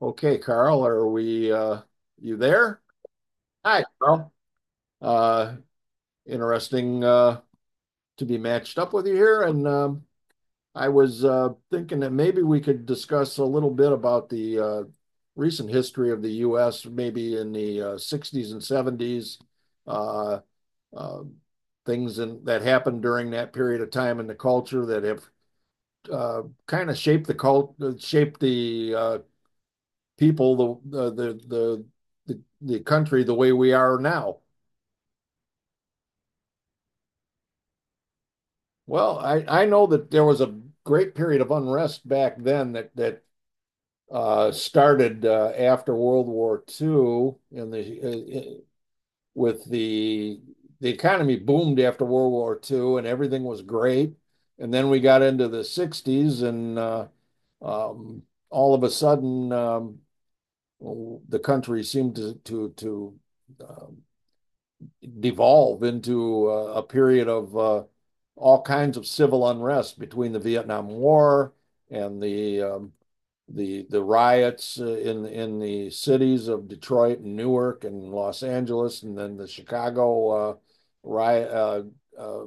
Okay, Carl, are we, you there? Hi, Carl. Uh, interesting, to be matched up with you here. I was, thinking that maybe we could discuss a little bit about the, recent history of the U.S., maybe in the, 60s and 70s, uh, uh, things in, that happened during that period of time in the culture that have, kind of shaped the shaped the, people, the country the way we are now. Well, I know that there was a great period of unrest back then that started after World War II, and the with the economy boomed after World War II, and everything was great. And then we got into the '60s, and um, all of a sudden, the country seemed to um, devolve into a period of all kinds of civil unrest between the Vietnam War and the the riots in the cities of Detroit and Newark and Los Angeles, and then the Chicago riot uh,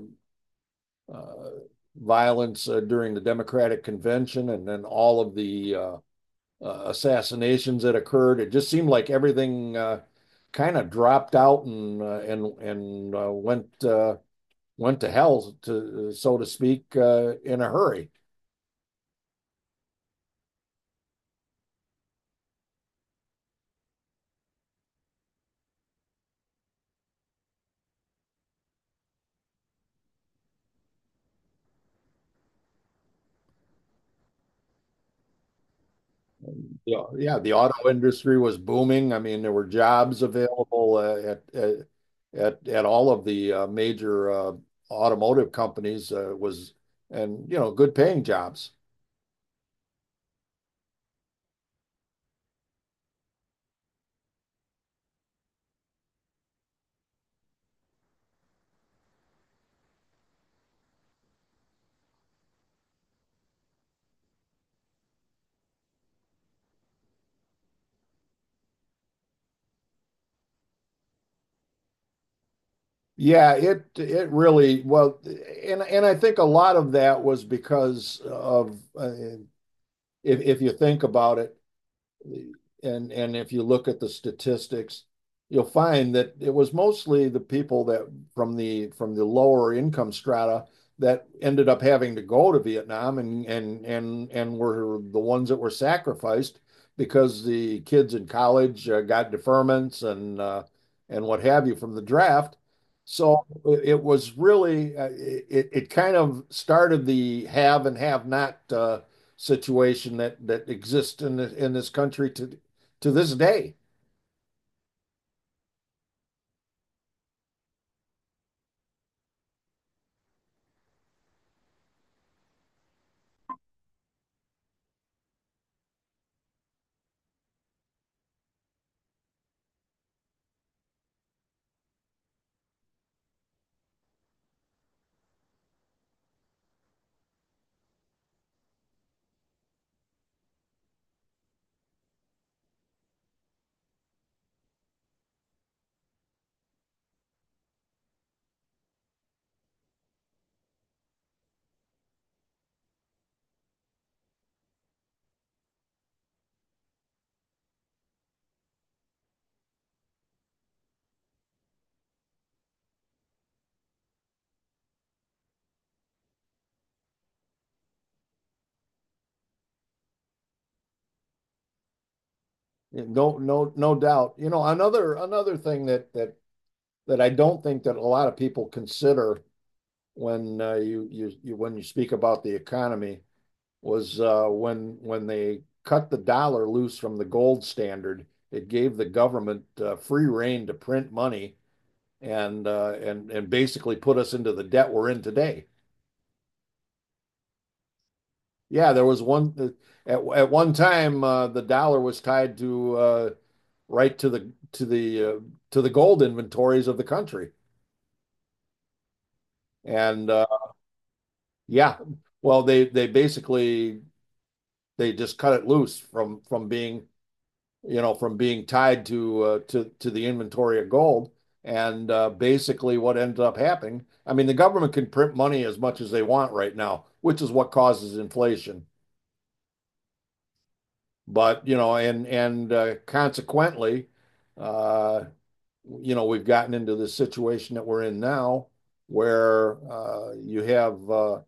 uh, violence during the Democratic Convention, and then all of the assassinations that occurred. It just seemed like everything kind of dropped out and and went went to hell to so to speak in a hurry. Yeah, yeah, the auto industry was booming. I mean, there were jobs available at all of the major automotive companies was and you know good paying jobs. Yeah, it really well, and I think a lot of that was because of if you think about it, and if you look at the statistics, you'll find that it was mostly the people that from the lower income strata that ended up having to go to Vietnam and were the ones that were sacrificed because the kids in college got deferments and what have you from the draft. So it was really it it kind of started the have and have not situation that exists in the, in this country to this day. No, no, no doubt. You know, another thing that I don't think that a lot of people consider when you when you speak about the economy was when they cut the dollar loose from the gold standard. It gave the government free reign to print money and basically put us into the debt we're in today. Yeah, there was one at one time the dollar was tied to right to the to the gold inventories of the country. And Yeah, well they basically they just cut it loose from being you know from being tied to to the inventory of gold. And basically what ended up happening, I mean, the government can print money as much as they want right now, which is what causes inflation. But, you know, and consequently, uh, you know, we've gotten into the situation that we're in now where you have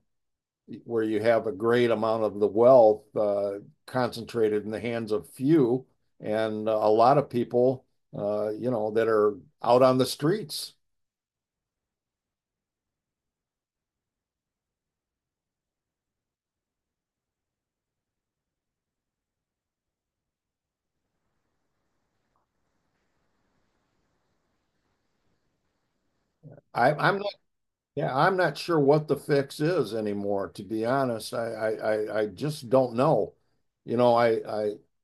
where you have a great amount of the wealth concentrated in the hands of few and a lot of people you know that are out on the streets. I, I'm not Yeah, I'm not sure what the fix is anymore, to be honest. I just don't know. You know, I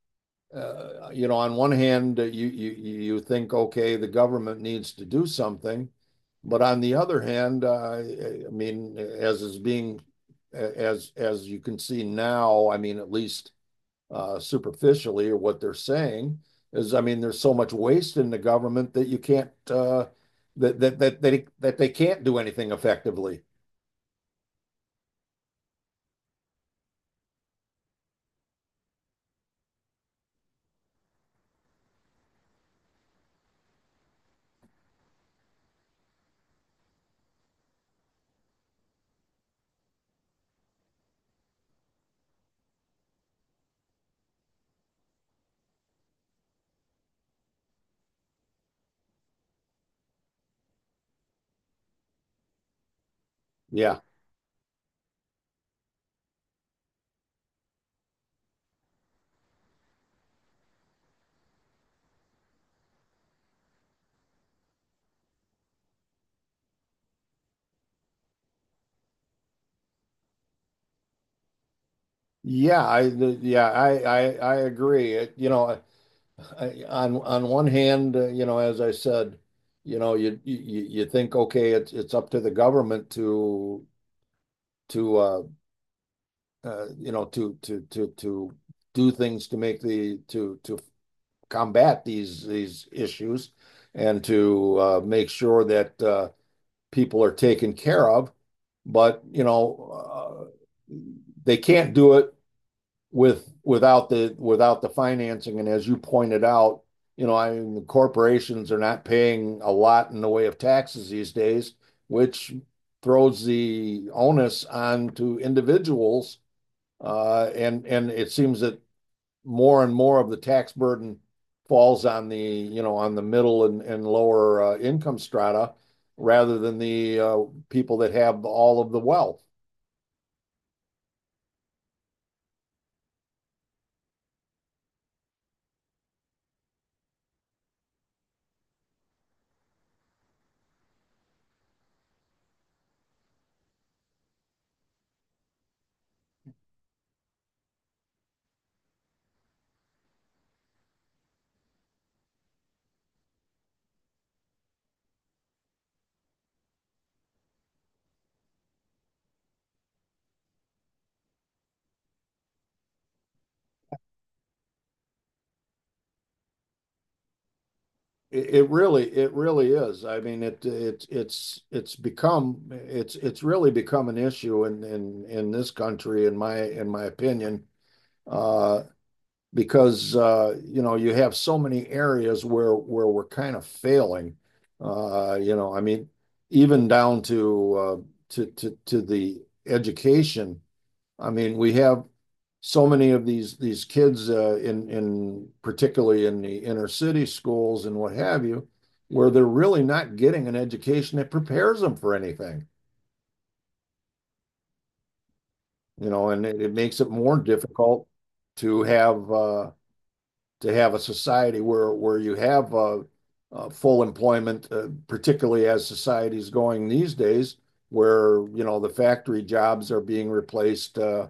you know, on one hand, you you think, okay, the government needs to do something. But on the other hand, I mean, as you can see now, I mean, at least superficially, or what they're saying is, I mean, there's so much waste in the government that you can't, that they can't do anything effectively. Yeah. Yeah, I agree. It, You know, I, on one hand, you know, as I said, you know, you you think, okay, it's up to the government to you know to do things to make the to combat these issues and to make sure that people are taken care of. But you know, uh, they can't do it without the without the financing. And as you pointed out, you know, I mean, the corporations are not paying a lot in the way of taxes these days, which throws the onus on to individuals. And it seems that more and more of the tax burden falls on the you know on the middle and lower income strata rather than the people that have all of the wealth. It really is. I mean, it's become, it's really become an issue in this country, in my opinion, uh, because you know, you have so many areas where we're kind of failing. You know, I mean, even down to the education. I mean, we have so many of these kids in particularly in the inner city schools and what have you, where they're really not getting an education that prepares them for anything, you know, and it makes it more difficult to have uh, to have a society where you have full employment, particularly as society is going these days, where you know the factory jobs are being replaced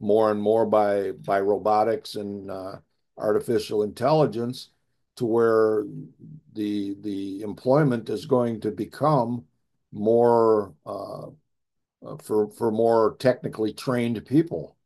more and more by robotics and artificial intelligence, to where the employment is going to become more for more technically trained people.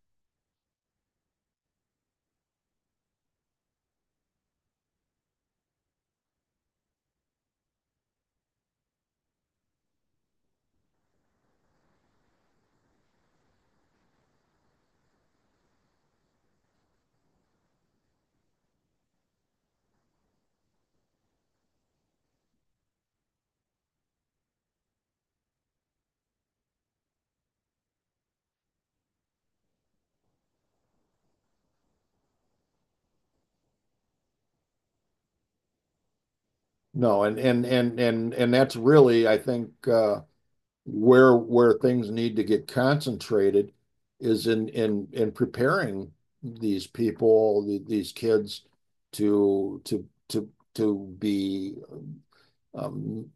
No, and that's really, I think, where things need to get concentrated is in preparing these people, these kids to to to to be um,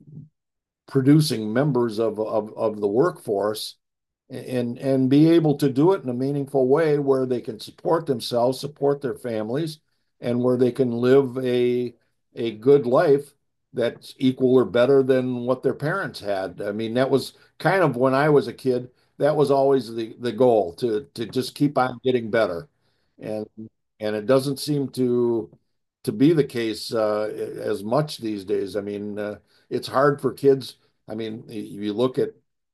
producing members of the workforce and be able to do it in a meaningful way where they can support themselves, support their families, and where they can live a good life that's equal or better than what their parents had. I mean, that was kind of when I was a kid, that was always the goal to just keep on getting better. And and it doesn't seem to be the case as much these days. I mean, it's hard for kids. I mean, you look at,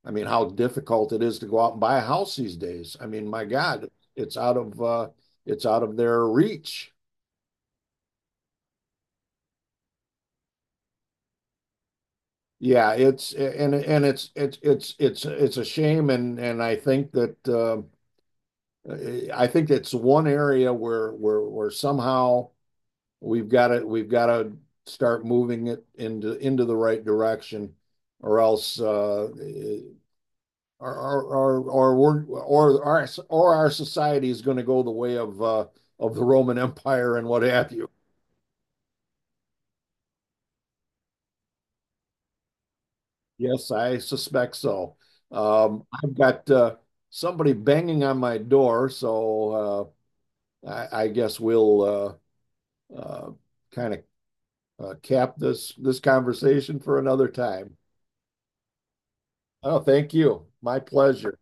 I mean, how difficult it is to go out and buy a house these days. I mean, my God, it's out of uh, it's out of their reach. Yeah, it's and it's a shame, and I think that I think it's one area where somehow we've got to start moving it into the right direction, or else or our word or our society is going to go the way of the Roman Empire and what have you. Yes, I suspect so. I've got somebody banging on my door, so I guess we'll uh, uh, kind of cap this conversation for another time. Oh, thank you. My pleasure.